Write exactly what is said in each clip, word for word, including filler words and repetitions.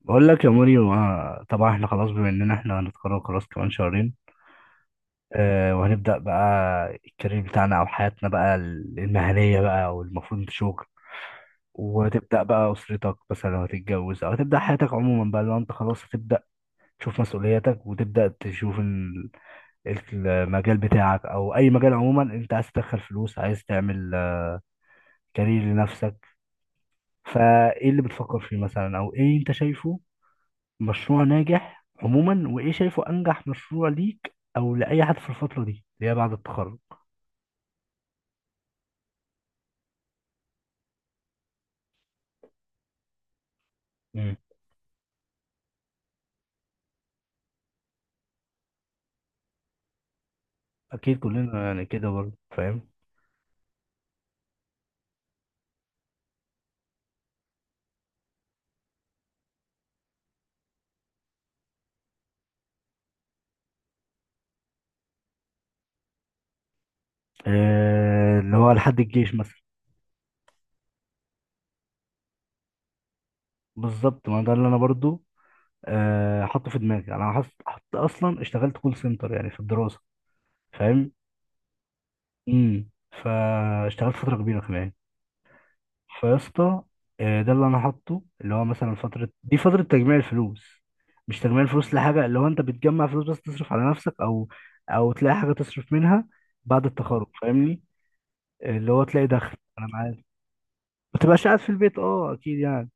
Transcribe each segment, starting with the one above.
بقول لك يا موريو، آه، طبعا احنا خلاص بما اننا احنا هنتخرج خلاص كمان شهرين. اه، وهنبدأ بقى الكارير بتاعنا او حياتنا بقى المهنية بقى، او المفروض انت شغل وهتبدأ بقى اسرتك، مثلا لو هتتجوز او هتبدأ حياتك عموما بقى، لو انت خلاص هتبدأ تشوف مسؤولياتك وتبدأ تشوف ال- المجال بتاعك او اي مجال عموما. انت عايز تدخل فلوس، عايز تعمل آه، كارير لنفسك. فايه اللي بتفكر فيه مثلا، او ايه انت شايفه مشروع ناجح عموما، وايه شايفه انجح مشروع ليك او لاي حد في الفتره دي اللي هي بعد التخرج؟ مم. اكيد كلنا يعني كده، برضه فاهم. آه، اللي هو لحد الجيش مثلا. بالظبط، ما ده اللي انا برضه آه حاطه في دماغي. يعني انا حط حط اصلا اشتغلت كول سنتر يعني في الدراسه، فاهم. امم. فاشتغلت فتره كبيره كمان. فيا اسطى، آه، ده اللي انا حاطه، اللي هو مثلا فتره دي فتره تجميع الفلوس. مش تجميع الفلوس لحاجه، اللي هو انت بتجمع فلوس بس تصرف على نفسك، او او تلاقي حاجه تصرف منها بعد التخرج، فاهمني. آه، اللي هو تلاقي دخل، انا معاك. ما تبقاش قاعد في البيت، اه اكيد يعني.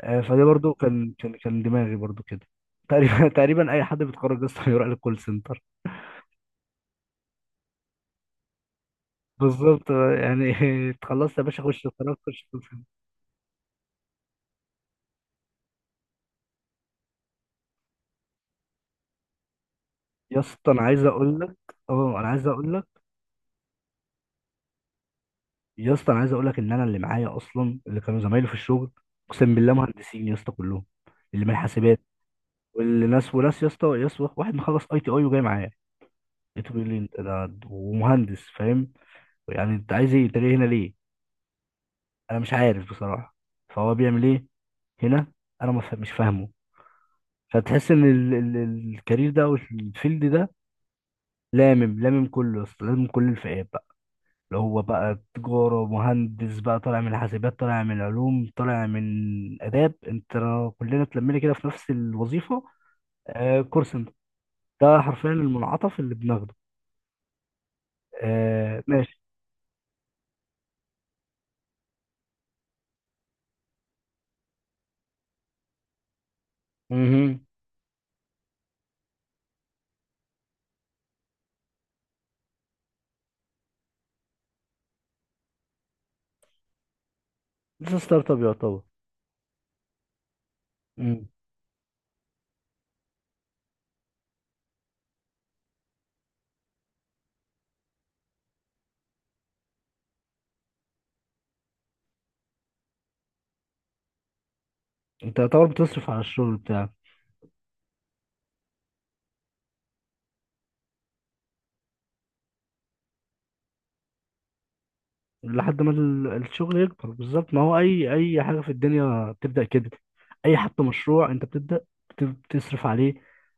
آه، فده برضو كان كان كان دماغي برضو كده. تقريبا تقريبا اي حد بيتخرج اصلا بيروح للكول سنتر. بالظبط، آه، يعني اتخلصت يا باشا، خش، اتخرجت خش الكول سنتر. يا اسطى انا عايز اقول لك، اه انا عايز اقول لك، يا اسطى انا عايز اقول لك ان انا اللي معايا اصلا، اللي كانوا زمايلي في الشغل، اقسم بالله مهندسين يا اسطى كلهم. اللي من حاسبات، واللي ناس وناس يا اسطى يا اسطى واحد مخلص اي تي اي وجاي معايا، لقيته بيقول لي انت ده ومهندس، فاهم؟ يعني انت عايز ايه، انت جاي هنا ليه؟ انا مش عارف بصراحه. فهو بيعمل ايه هنا؟ انا ما فا- مش فاهمه. فتحس ان ال- ال- الكارير ده او الفيلد ده لامم لامم كله يا اسطى، لامم كل الفئات، اللي هو بقى تجارة ومهندس بقى، طالع من الحاسبات، طالع من العلوم، طالع من آداب، انت كلنا اتلمينا كده في نفس الوظيفة. آه، كول سنتر ده حرفيا المنعطف اللي بناخده. آه ماشي. مهم. لسه ستارت اب يعتبر. مم. انت يعتبر بتصرف على الشغل بتاعك. لحد ما ال- الشغل يكبر. بالظبط، ما هو اي اي حاجه في الدنيا بتبدا كده. اي حتى مشروع انت بتبدا بت- بتصرف عليه،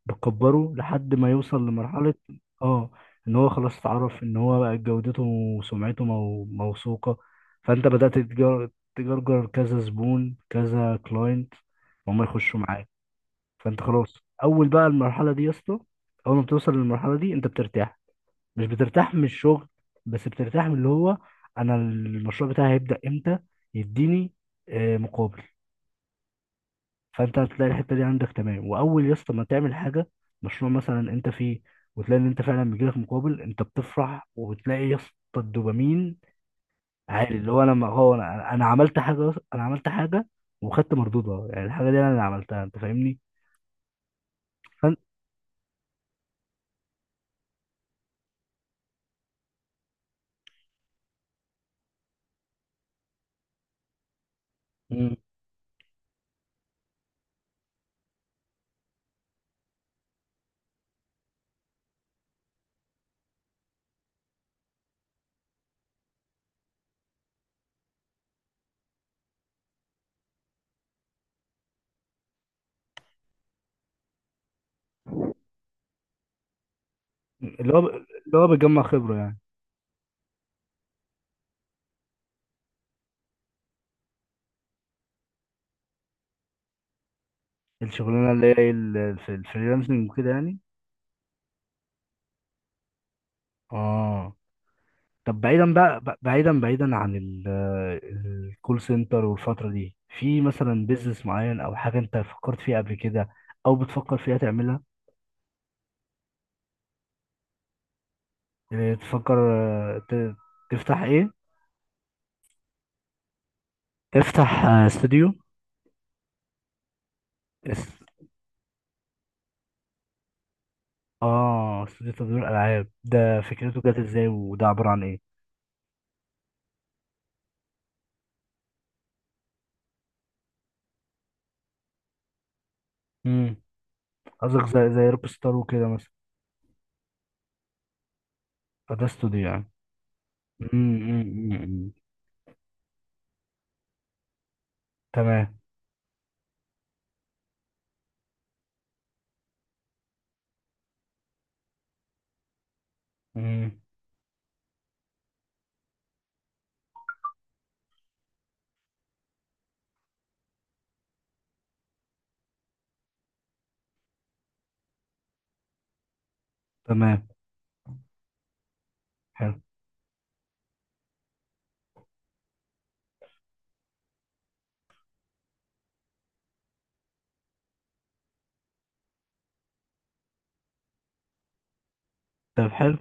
بتكبره لحد ما يوصل لمرحله، اه، ان هو خلاص اتعرف ان هو بقى جودته وسمعته مو- موثوقه. فانت بدات تجر- تجرجر كذا زبون كذا كلاينت، وهم يخشوا معاك. فانت خلاص، اول بقى المرحله دي يا اسطى، اول ما بتوصل للمرحله دي انت بترتاح. مش بترتاح من الشغل، بس بترتاح من اللي هو، انا المشروع بتاعي هيبدأ امتى يديني آه، مقابل. فانت هتلاقي الحتة دي عندك، تمام. واول يا اسطى ما تعمل حاجة، مشروع مثلا انت فيه، وتلاقي ان انت فعلا بيجيلك مقابل، انت بتفرح وبتلاقي يا اسطى الدوبامين عالي. اللي هو انا ما- هو انا أنا عملت حاجة، انا عملت حاجة وخدت مردودها. يعني الحاجة دي انا اللي عملتها، انت فاهمني. فانت. مم. اللي هو ب- اللي هو بيجمع خبرة يعني. الشغلانة اللي هي ال- في الفريلانسنج وكده يعني. اه. طب بعيدا بقى، ب- بعيدا بعيدا عن ال- الكول سنتر والفترة دي، في مثلا بيزنس معين او حاجة انت فكرت فيها قبل كده، او بتفكر فيها تعملها؟ إيه، تفكر آه، ت- تفتح ايه؟ تفتح آه، استوديو. اس- اه استوديو تطوير العاب. ده فكرته جت ازاي، وده عبارة عن ايه؟ امم. قصدك زي زي روك ستار وكده مثلا؟ فده استوديو يعني. امم. أمم، أمم، أمم. تمام. امم. تمام. حلو. طب حلو.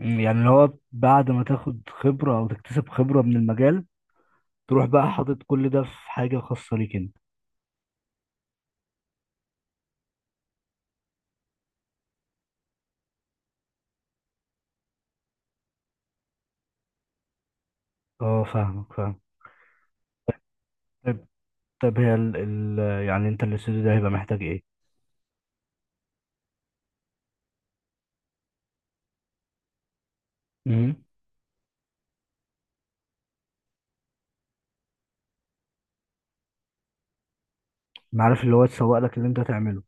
مم، يعني اللي هو بعد ما تاخد خبرة أو تكتسب خبرة من المجال، تروح بقى حاطط كل ده في حاجة خاصة ليك أنت. أه فاهمك، فاهم. طيب. طب هي ال ال يعني أنت الاستوديو ده هيبقى محتاج إيه؟ امم. عارف اللي هو تسوق لك اللي أنت هتعمله.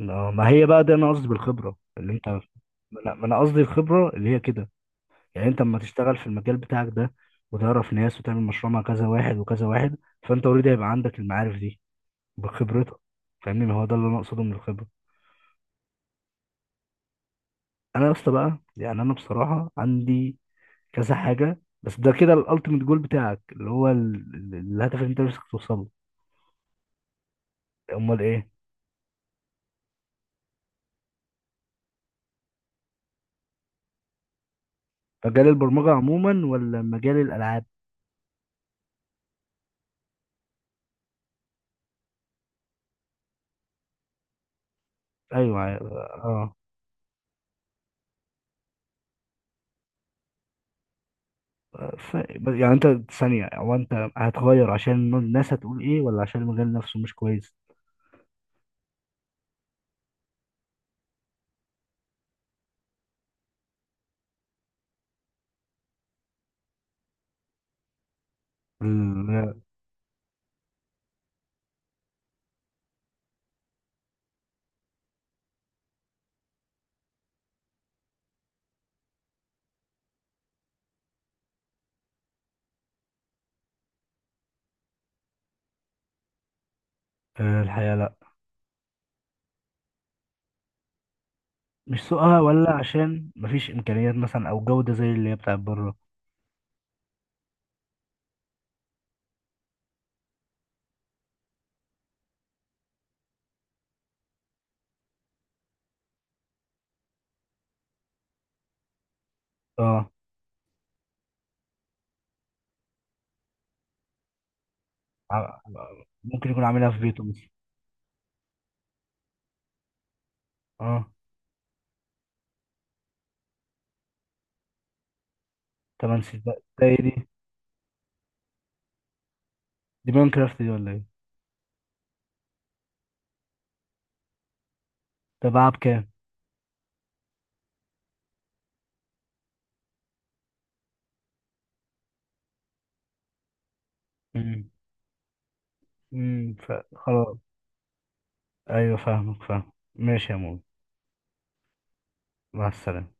أه، ما هي بقى ده أنا قصدي بالخبرة اللي أنت. لا، ما أنا قصدي الخبرة اللي هي كده، يعني أنت لما تشتغل في المجال بتاعك ده وتعرف ناس وتعمل مشروع مع كذا واحد وكذا واحد، فأنت أوريدي هيبقى عندك المعارف دي بخبرتك، فاهمني. ما هو ده اللي أنا أقصده من الخبرة. انا يا اسطى بقى، يعني انا بصراحه عندي كذا حاجه، بس ده كده الالتيميت جول بتاعك، اللي هو ال- ال- الهدف اللي انت نفسك توصله؟ امال ايه. مجال البرمجه عموما ولا مجال الالعاب؟ ايوه، اه. ف... يعني انت ثانيه، هو انت هتغير عشان الناس هتقول ايه، ولا عشان المجال نفسه مش كويس؟ لا. آه، الحقيقه لا. مش سوقها، ولا عشان مفيش امكانيات مثلا او جوده زي اللي هي بتاعت بره؟ اه. ع- ممكن يكون عاملها في بيته مثلا. اه، تمن سيزونات، ده ايه دي؟ دي ماين كرافت دي ولا ايه؟ تبعها بكام؟ امم. امم، فخلاص. ايوه فاهمك، فاهم، ماشي يا مول. مع السلامة.